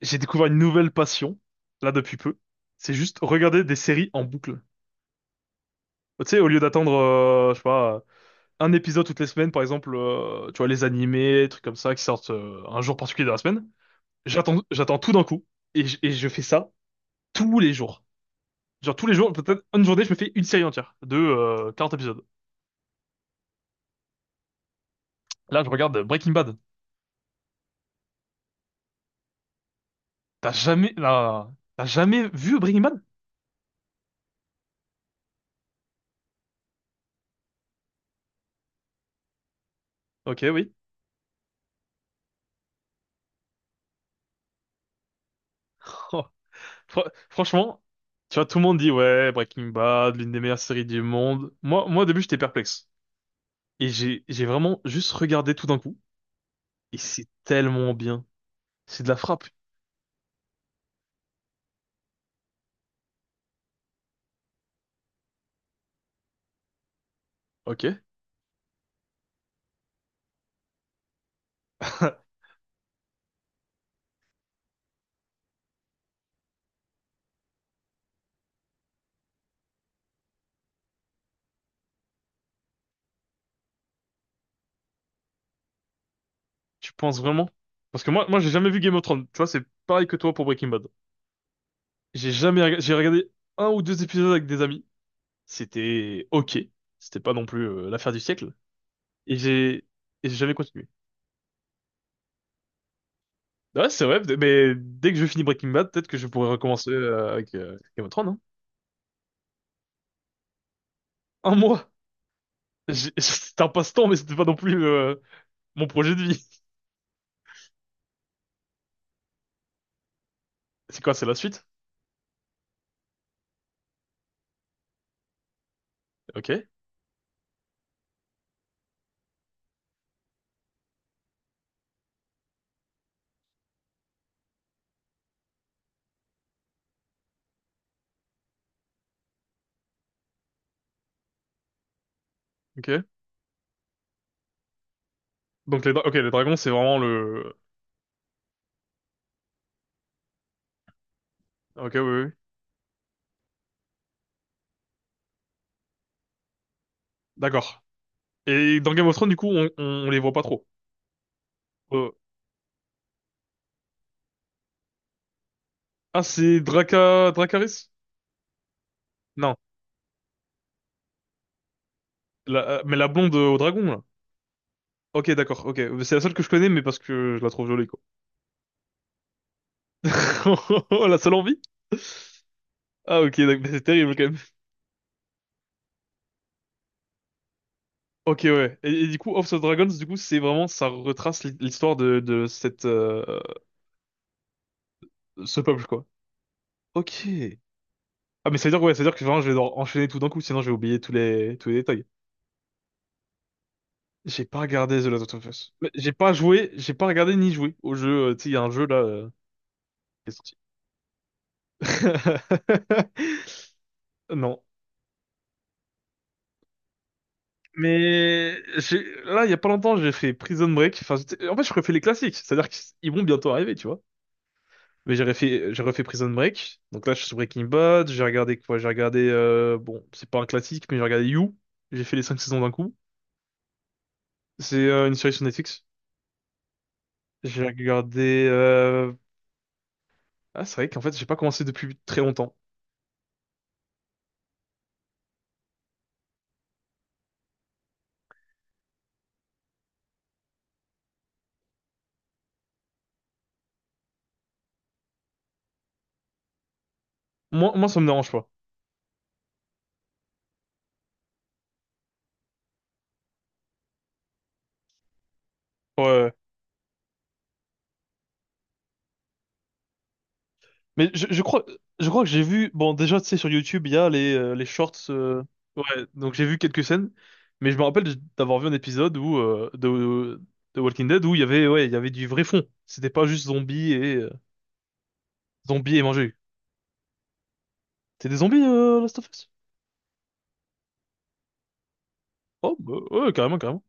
J'ai découvert une nouvelle passion, là, depuis peu. C'est juste regarder des séries en boucle. Tu sais, au lieu d'attendre, je sais pas, un épisode toutes les semaines, par exemple, tu vois, les animés, trucs comme ça, qui sortent un jour particulier de la semaine, j'attends tout d'un coup. Et je fais ça tous les jours. Genre tous les jours, peut-être une journée, je me fais une série entière de 40 épisodes. Là, je regarde Breaking Bad. T'as jamais, là, t'as jamais vu Breaking Bad? Ok, oui. Franchement, tu vois, tout le monde dit, ouais, Breaking Bad, l'une des meilleures séries du monde. Moi, au début, j'étais perplexe. Et j'ai vraiment juste regardé tout d'un coup. Et c'est tellement bien. C'est de la frappe. Ok. Tu penses vraiment? Parce que moi, j'ai jamais vu Game of Thrones. Tu vois, c'est pareil que toi pour Breaking Bad. J'ai jamais, rega- J'ai regardé un ou deux épisodes avec des amis. C'était ok. C'était pas non plus l'affaire du siècle. Et j'ai, et j'ai jamais continué. Ouais, c'est vrai. Mais dès que je finis Breaking Bad, peut-être que je pourrais recommencer avec Game of Thrones, hein. Un mois. J'ai- C'était un passe-temps, mais c'était pas non plus mon projet de vie. C'est quoi, c'est la suite? Ok, ok. Donc ok, les dragons, c'est vraiment le… Ok, oui, oui, oui. D'accord. Et dans Game of Thrones, du coup, on les voit pas trop. Euh, Ah, c'est Draca… Dracarys? Non. Mais la blonde au dragon, là. Ok, d'accord, ok. C'est la seule que je connais, mais parce que je la trouve jolie, quoi. La seule envie? Ah, ok, donc- mais c'est terrible, quand même. Ok, ouais. Et du coup, House of Dragons, du coup, c'est vraiment… Ça retrace l'histoire de cette… ce peuple, quoi. Ok. Ah, mais ça veut dire, ouais, ça veut dire que vraiment, je vais devoir enchaîner tout d'un coup, sinon je vais oublier tous tous les détails. J'ai pas regardé The Last of Us. Mais j'ai pas joué, j'ai pas regardé ni joué au jeu, tu sais, il y a un jeu, là, qui est sorti. Non. Mais j'ai, là, il y a pas longtemps, j'ai fait Prison Break. Enfin, en fait, je refais les classiques. C'est-à-dire qu'ils vont bientôt arriver, tu vois. Mais j'ai refait Prison Break. Donc là, je suis sur Breaking Bad. J'ai regardé quoi? J'ai regardé, bon, c'est pas un classique, mais j'ai regardé You. J'ai fait les cinq saisons d'un coup. C'est une série sur Netflix. J'ai regardé, ah, c'est vrai qu'en fait, j'ai pas commencé depuis très longtemps. Moi, moi, ça me dérange pas. Ouais, ouais. Mais je crois que j'ai vu, bon, déjà, tu sais, sur YouTube, il y a les shorts, ouais. Donc j'ai vu quelques scènes, mais je me rappelle d'avoir vu un épisode où de Walking Dead où il y avait, ouais, il y avait du vrai fond. C'était pas juste zombies et zombies et manger. C'est des zombies, Last of Us? Oh, bah, ouais, carrément, carrément.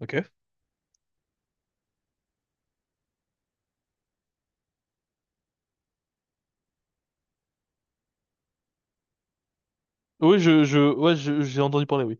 Ok. Oui, ouais, j'ai entendu parler, oui.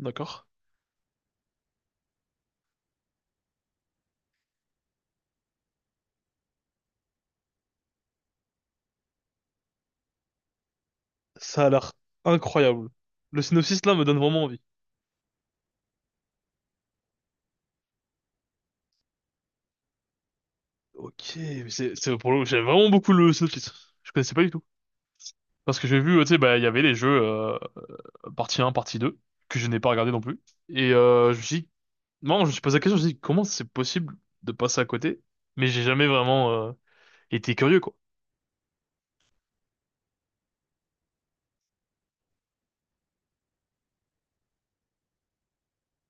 D'accord. Ça a l'air incroyable. Le synopsis là me donne vraiment envie. Ok, mais c'est pour le j'aime vraiment beaucoup le synopsis. Je connaissais pas du tout parce que j'ai vu tu sais bah il y avait les jeux partie un partie 2 que je n'ai pas regardé non plus et je me suis non, je me suis posé la question, je me suis dit comment c'est possible de passer à côté mais j'ai jamais vraiment été curieux quoi.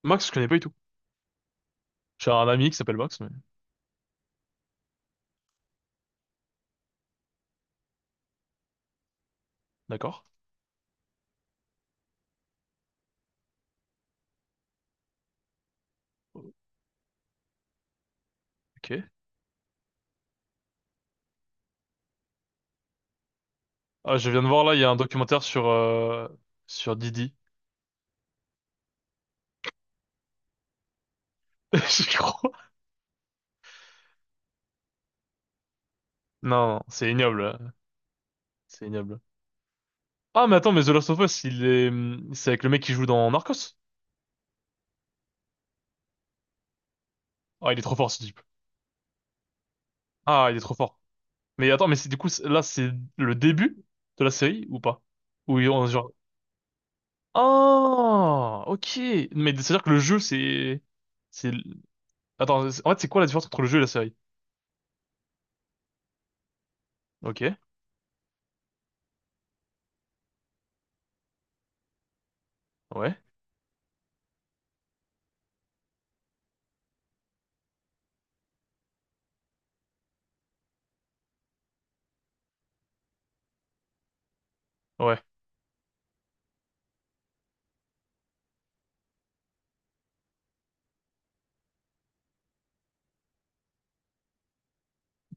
Max, je connais pas du tout. J'ai un ami qui s'appelle Max mais d'accord. OK. Ah, je viens de voir là, il y a un documentaire sur sur Didi. Je crois. Non, non, c'est ignoble, c'est ignoble. Ah, mais attends, mais The Last of Us, il est, c'est avec le mec qui joue dans Narcos? Ah, il est trop fort, ce type. Ah, il est trop fort. Mais attends, mais c'est du coup, là, c'est le début de la série ou pas? Où ils ont genre, ah, ok. Mais c'est-à-dire que le jeu, c'est, attends, en fait, c'est quoi la différence entre le jeu et la série? Ok, ouais, ouais.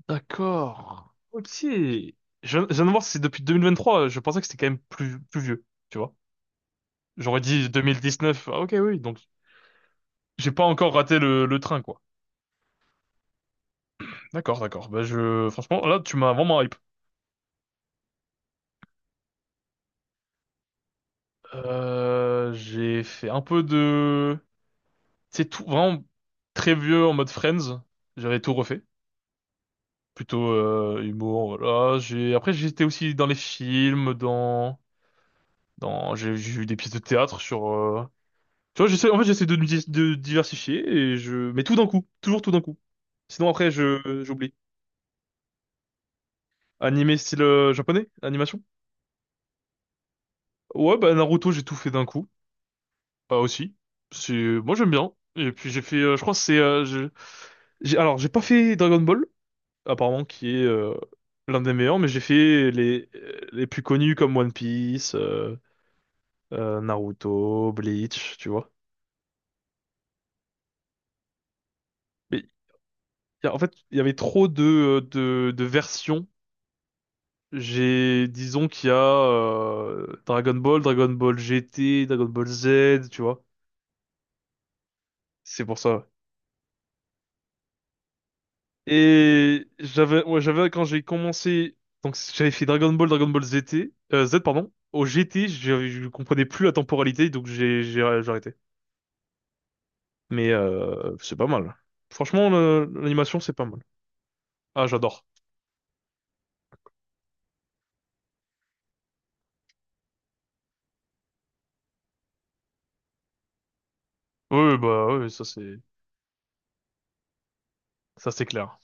D'accord. Ok. Je viens de voir, c'est depuis 2023. Je pensais que c'était quand même plus, plus vieux, tu vois. J'aurais dit 2019. Ah, ok, oui. Donc, j'ai pas encore raté le train, quoi. D'accord, d'accord. Bah je, franchement, là, tu m'as vraiment hype. J'ai fait un peu de, c'est tout vraiment très vieux en mode Friends. J'avais tout refait. Plutôt humour, voilà. J'ai, après, j'étais aussi dans les films, j'ai eu des pièces de théâtre sur, tu vois, j'essaie, en fait, j'essaie de, de diversifier et je, mais tout d'un coup, toujours tout d'un coup. Sinon après, j'oublie. Animé style japonais, animation. Ouais, bah Naruto, j'ai tout fait d'un coup. Bah aussi. C'est moi j'aime bien. Et puis j'ai fait je crois que c'est j'ai alors j'ai pas fait Dragon Ball apparemment qui est l'un des meilleurs mais j'ai fait les plus connus comme One Piece, Naruto, Bleach, tu vois. Mais en fait, il y avait trop de de versions. J'ai disons qu'il y a Dragon Ball, Dragon Ball GT, Dragon Ball Z, tu vois. C'est pour ça. Et ouais, j'avais quand j'ai commencé, donc j'avais fait Dragon Ball, Dragon Ball Z Z, pardon. Au GT, je comprenais plus la temporalité, donc j'ai arrêté. Mais c'est pas mal. Franchement, l'animation, c'est pas mal. Ah, j'adore. Oui, oui, bah oui, ça c'est clair.